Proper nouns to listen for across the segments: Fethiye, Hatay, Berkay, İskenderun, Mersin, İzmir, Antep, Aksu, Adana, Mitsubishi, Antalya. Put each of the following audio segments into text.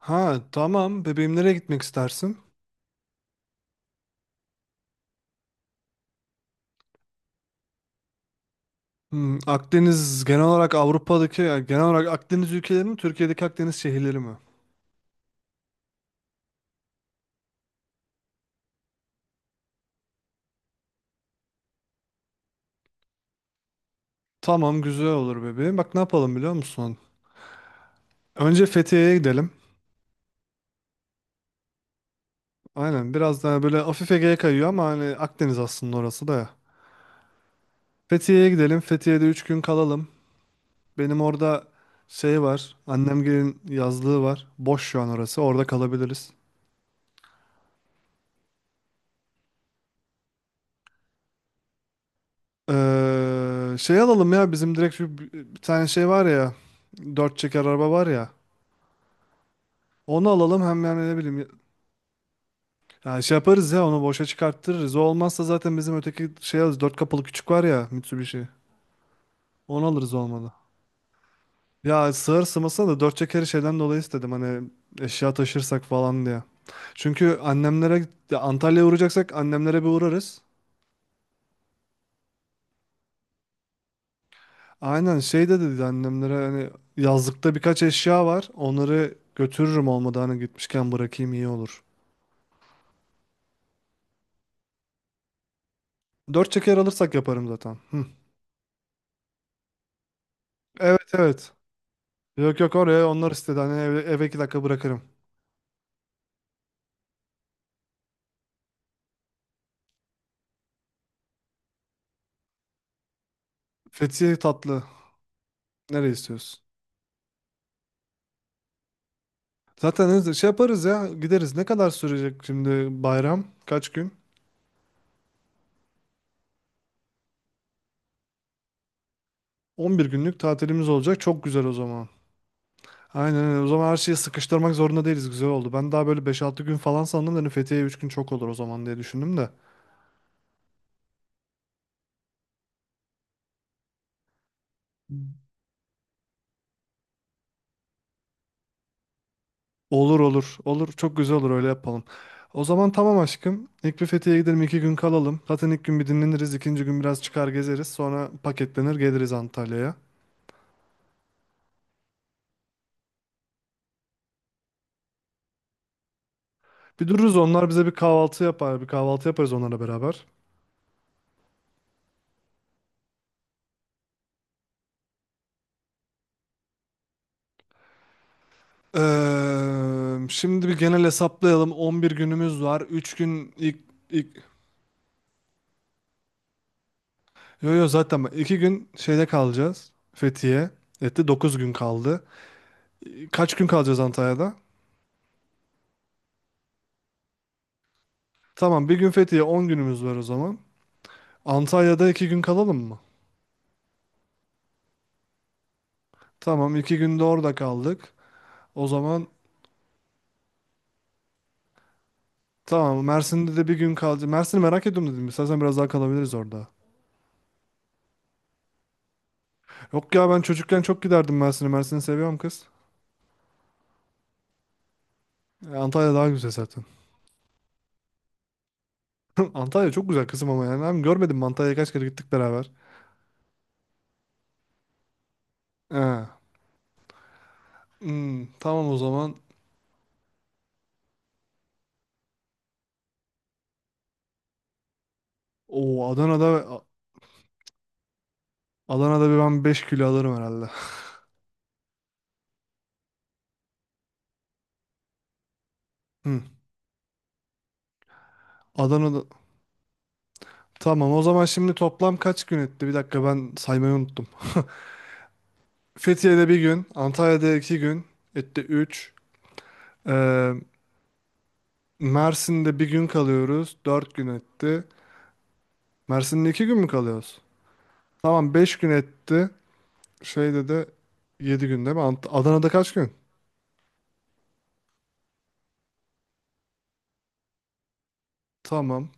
Ha tamam. Bebeğim nereye gitmek istersin? Akdeniz genel olarak Avrupa'daki yani genel olarak Akdeniz ülkeleri mi Türkiye'deki Akdeniz şehirleri mi? Tamam güzel olur bebeğim. Bak ne yapalım biliyor musun? Önce Fethiye'ye gidelim. Aynen biraz daha böyle hafif Ege'ye kayıyor ama hani Akdeniz aslında orası da ya. Fethiye'ye gidelim. Fethiye'de 3 gün kalalım. Benim orada şey var. Annemgilin yazlığı var. Boş şu an orası. Orada kalabiliriz. Şey alalım ya, bizim direkt şu bir tane şey var ya, dört çeker araba var ya, onu alalım hem yani ne bileyim ya. Şey yaparız ya, onu boşa çıkarttırırız. O olmazsa zaten bizim öteki şey alırız, dört kapılı küçük var ya, Mitsubishi, onu alırız olmadı. Ya sığır sığmasına da dört çekeri şeyden dolayı istedim hani, eşya taşırsak falan diye, çünkü annemlere, ya Antalya'ya uğrayacaksak annemlere bir uğrarız. Aynen şey de dedi annemlere, hani yazlıkta birkaç eşya var. Onları götürürüm, olmadı hani gitmişken bırakayım iyi olur. Dört çeker alırsak yaparım zaten. Hı. Evet evet. Yok yok, oraya onlar istedi. Hani eve 2 dakika bırakırım. Fethiye tatlı. Nereye istiyorsun? Zaten hızlı şey yaparız ya, gideriz. Ne kadar sürecek şimdi bayram? Kaç gün? 11 günlük tatilimiz olacak. Çok güzel o zaman. Aynen öyle. O zaman her şeyi sıkıştırmak zorunda değiliz. Güzel oldu. Ben daha böyle 5-6 gün falan sandım. Hani Fethiye 3 gün çok olur o zaman diye düşündüm de. Olur olur. Olur. Çok güzel olur, öyle yapalım. O zaman tamam aşkım. İlk bir Fethiye'ye gidelim. 2 gün kalalım. Zaten ilk gün bir dinleniriz. İkinci gün biraz çıkar gezeriz. Sonra paketlenir geliriz Antalya'ya. Bir dururuz, onlar bize bir kahvaltı yapar. Bir kahvaltı yaparız onlarla beraber. Şimdi bir genel hesaplayalım. 11 günümüz var. 3 gün ilk... ilk... Yo yo, zaten bak, 2 gün şeyde kalacağız. Fethiye. Etti, 9 gün kaldı. Kaç gün kalacağız Antalya'da? Tamam, bir gün Fethiye, 10 günümüz var o zaman. Antalya'da 2 gün kalalım mı? Tamam, 2 günde orada kaldık. O zaman tamam, Mersin'de de bir gün kalacağız. Mersin'i merak ediyorum dedim. İstersen biraz daha kalabiliriz orada. Yok ya, ben çocukken çok giderdim Mersin'e. Mersin'i seviyorum kız. E, Antalya daha güzel zaten. Antalya çok güzel kızım ama yani. Hem görmedim mi? Antalya'ya kaç kere gittik beraber. He. Tamam o zaman. Oo Adana'da Adana'da bir ben 5 kilo alırım herhalde. Hı. Adana'da tamam, o zaman şimdi toplam kaç gün etti? Bir dakika, ben saymayı unuttum. Fethiye'de bir gün, Antalya'da iki gün, etti üç. Ee, Mersin'de bir gün kalıyoruz, dört gün etti. Mersin'de iki gün mü kalıyoruz? Tamam, 5 gün etti. Şeyde de 7 gün değil mi? Adana'da kaç gün? Tamam.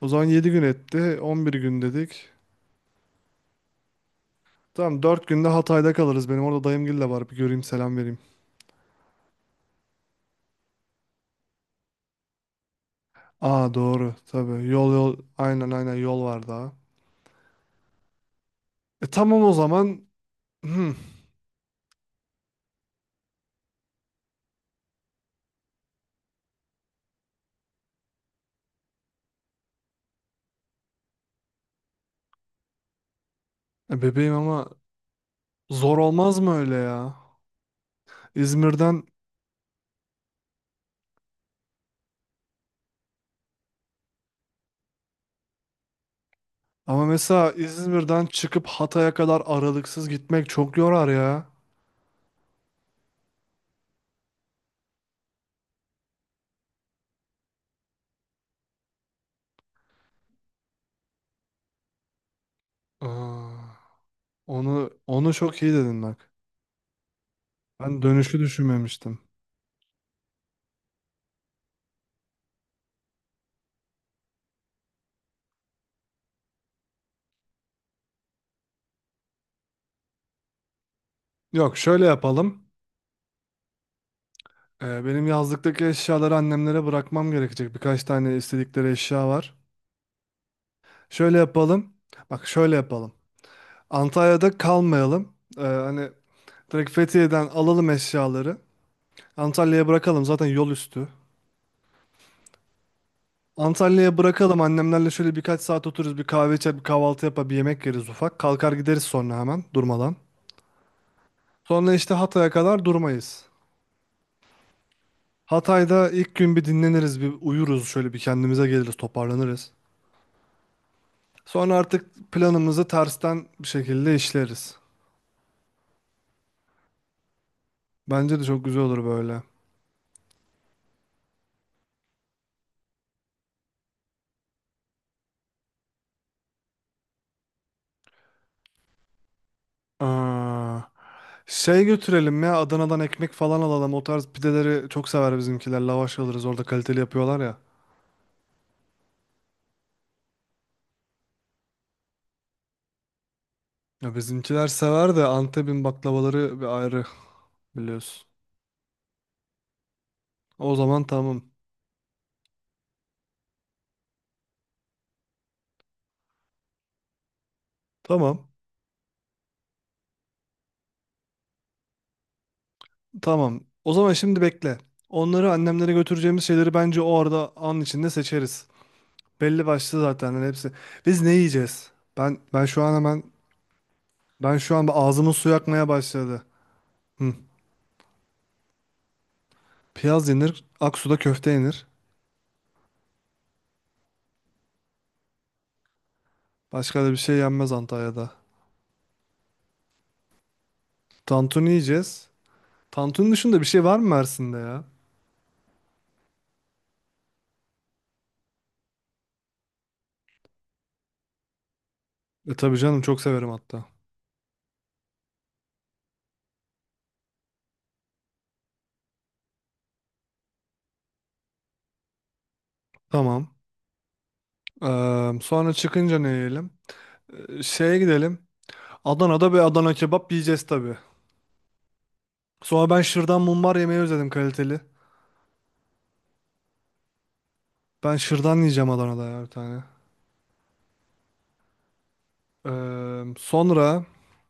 O zaman 7 gün etti, 11 gün dedik. Tamam, 4 günde Hatay'da kalırız. Benim orada dayımgil de var, bir göreyim, selam vereyim. Aa doğru, tabii. Yol yol, aynen aynen yol var daha. E tamam o zaman. Hmm. E, bebeğim ama zor olmaz mı öyle ya? İzmir'den Ama mesela İzmir'den çıkıp Hatay'a kadar aralıksız gitmek çok yorar ya. Aa, onu çok iyi dedin bak. Ben dönüşü düşünmemiştim. Yok, şöyle yapalım. Benim yazlıktaki eşyaları annemlere bırakmam gerekecek. Birkaç tane istedikleri eşya var. Şöyle yapalım. Bak şöyle yapalım. Antalya'da kalmayalım. Hani direkt Fethiye'den alalım eşyaları. Antalya'ya bırakalım, zaten yol üstü. Antalya'ya bırakalım, annemlerle şöyle birkaç saat otururuz, bir kahve içer, bir kahvaltı yapar, bir yemek yeriz, ufak kalkar gideriz, sonra hemen durmadan. Sonra işte Hatay'a kadar durmayız. Hatay'da ilk gün bir dinleniriz, bir uyuruz, şöyle bir kendimize geliriz, toparlanırız. Sonra artık planımızı tersten bir şekilde işleriz. Bence de çok güzel olur böyle. Aa, şey götürelim ya, Adana'dan ekmek falan alalım, o tarz pideleri çok sever bizimkiler, lavaş alırız orada, kaliteli yapıyorlar ya. Ya bizimkiler sever de Antep'in baklavaları bir ayrı. Biliyorsun. O zaman tamam. Tamam. Tamam. O zaman şimdi bekle. Onları, annemlere götüreceğimiz şeyleri bence o arada an içinde seçeriz. Belli başlı zaten hani hepsi. Biz ne yiyeceğiz? Ben ben şu an hemen ben şu an ağzımın suyu akmaya başladı. Hı. Piyaz yenir, Aksu'da köfte yenir. Başka da bir şey yenmez Antalya'da. Tantuni yiyeceğiz. Tantuni dışında bir şey var mı Mersin'de ya? E tabii canım, çok severim hatta. Tamam. Sonra çıkınca ne yiyelim? E, şeye gidelim. Adana'da bir Adana kebap yiyeceğiz tabii. Sonra ben şırdan mumbar yemeyi özledim, kaliteli. Ben şırdan yiyeceğim Adana'da ya, bir tane. Sonra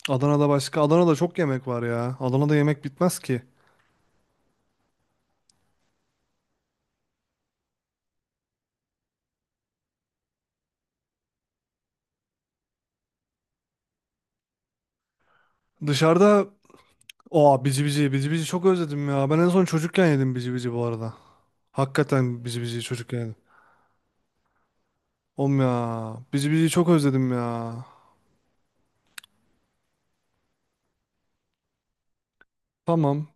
Adana'da başka, Adana'da çok yemek var ya. Adana'da yemek bitmez ki. Dışarıda o bici bici bici bici çok özledim ya. Ben en son çocukken yedim bici bici bu arada. Hakikaten bici bici çocukken yedim. Oğlum ya, bici bici çok özledim ya. Tamam.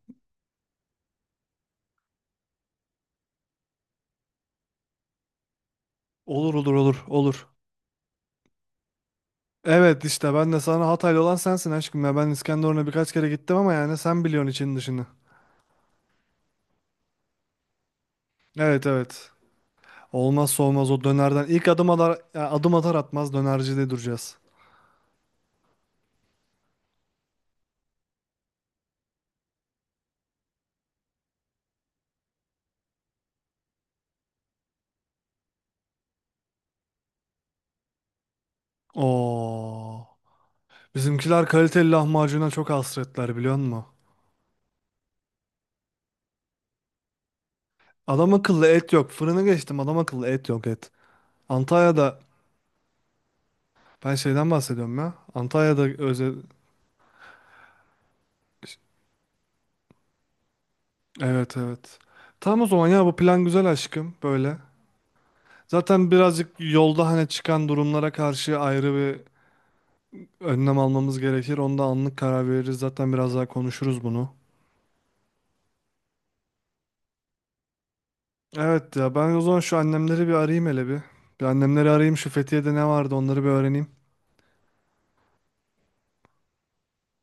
Olur olur olur olur. Evet işte, ben de sana, Hataylı olan sensin aşkım ya. Ben İskenderun'a birkaç kere gittim ama yani sen biliyorsun için dışını. Evet evet. Olmazsa olmaz o dönerden. İlk adım atar, yani adım atar atmaz dönercide duracağız. Oo. Bizimkiler kaliteli lahmacuna çok hasretler biliyor musun? Adam akıllı et yok. Fırını geçtim, adam akıllı et yok, et. Antalya'da ben şeyden bahsediyorum ya. Antalya'da özel... Evet evet. Tamam o zaman ya, bu plan güzel aşkım böyle. Zaten birazcık yolda hani çıkan durumlara karşı ayrı bir önlem almamız gerekir. Onda anlık karar veririz. Zaten biraz daha konuşuruz bunu. Evet ya, ben o zaman şu annemleri bir arayayım hele bir. Bir annemleri arayayım, şu Fethiye'de ne vardı onları bir öğreneyim.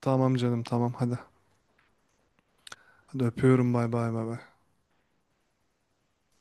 Tamam canım, tamam, hadi. Hadi öpüyorum, bay bay bay bay.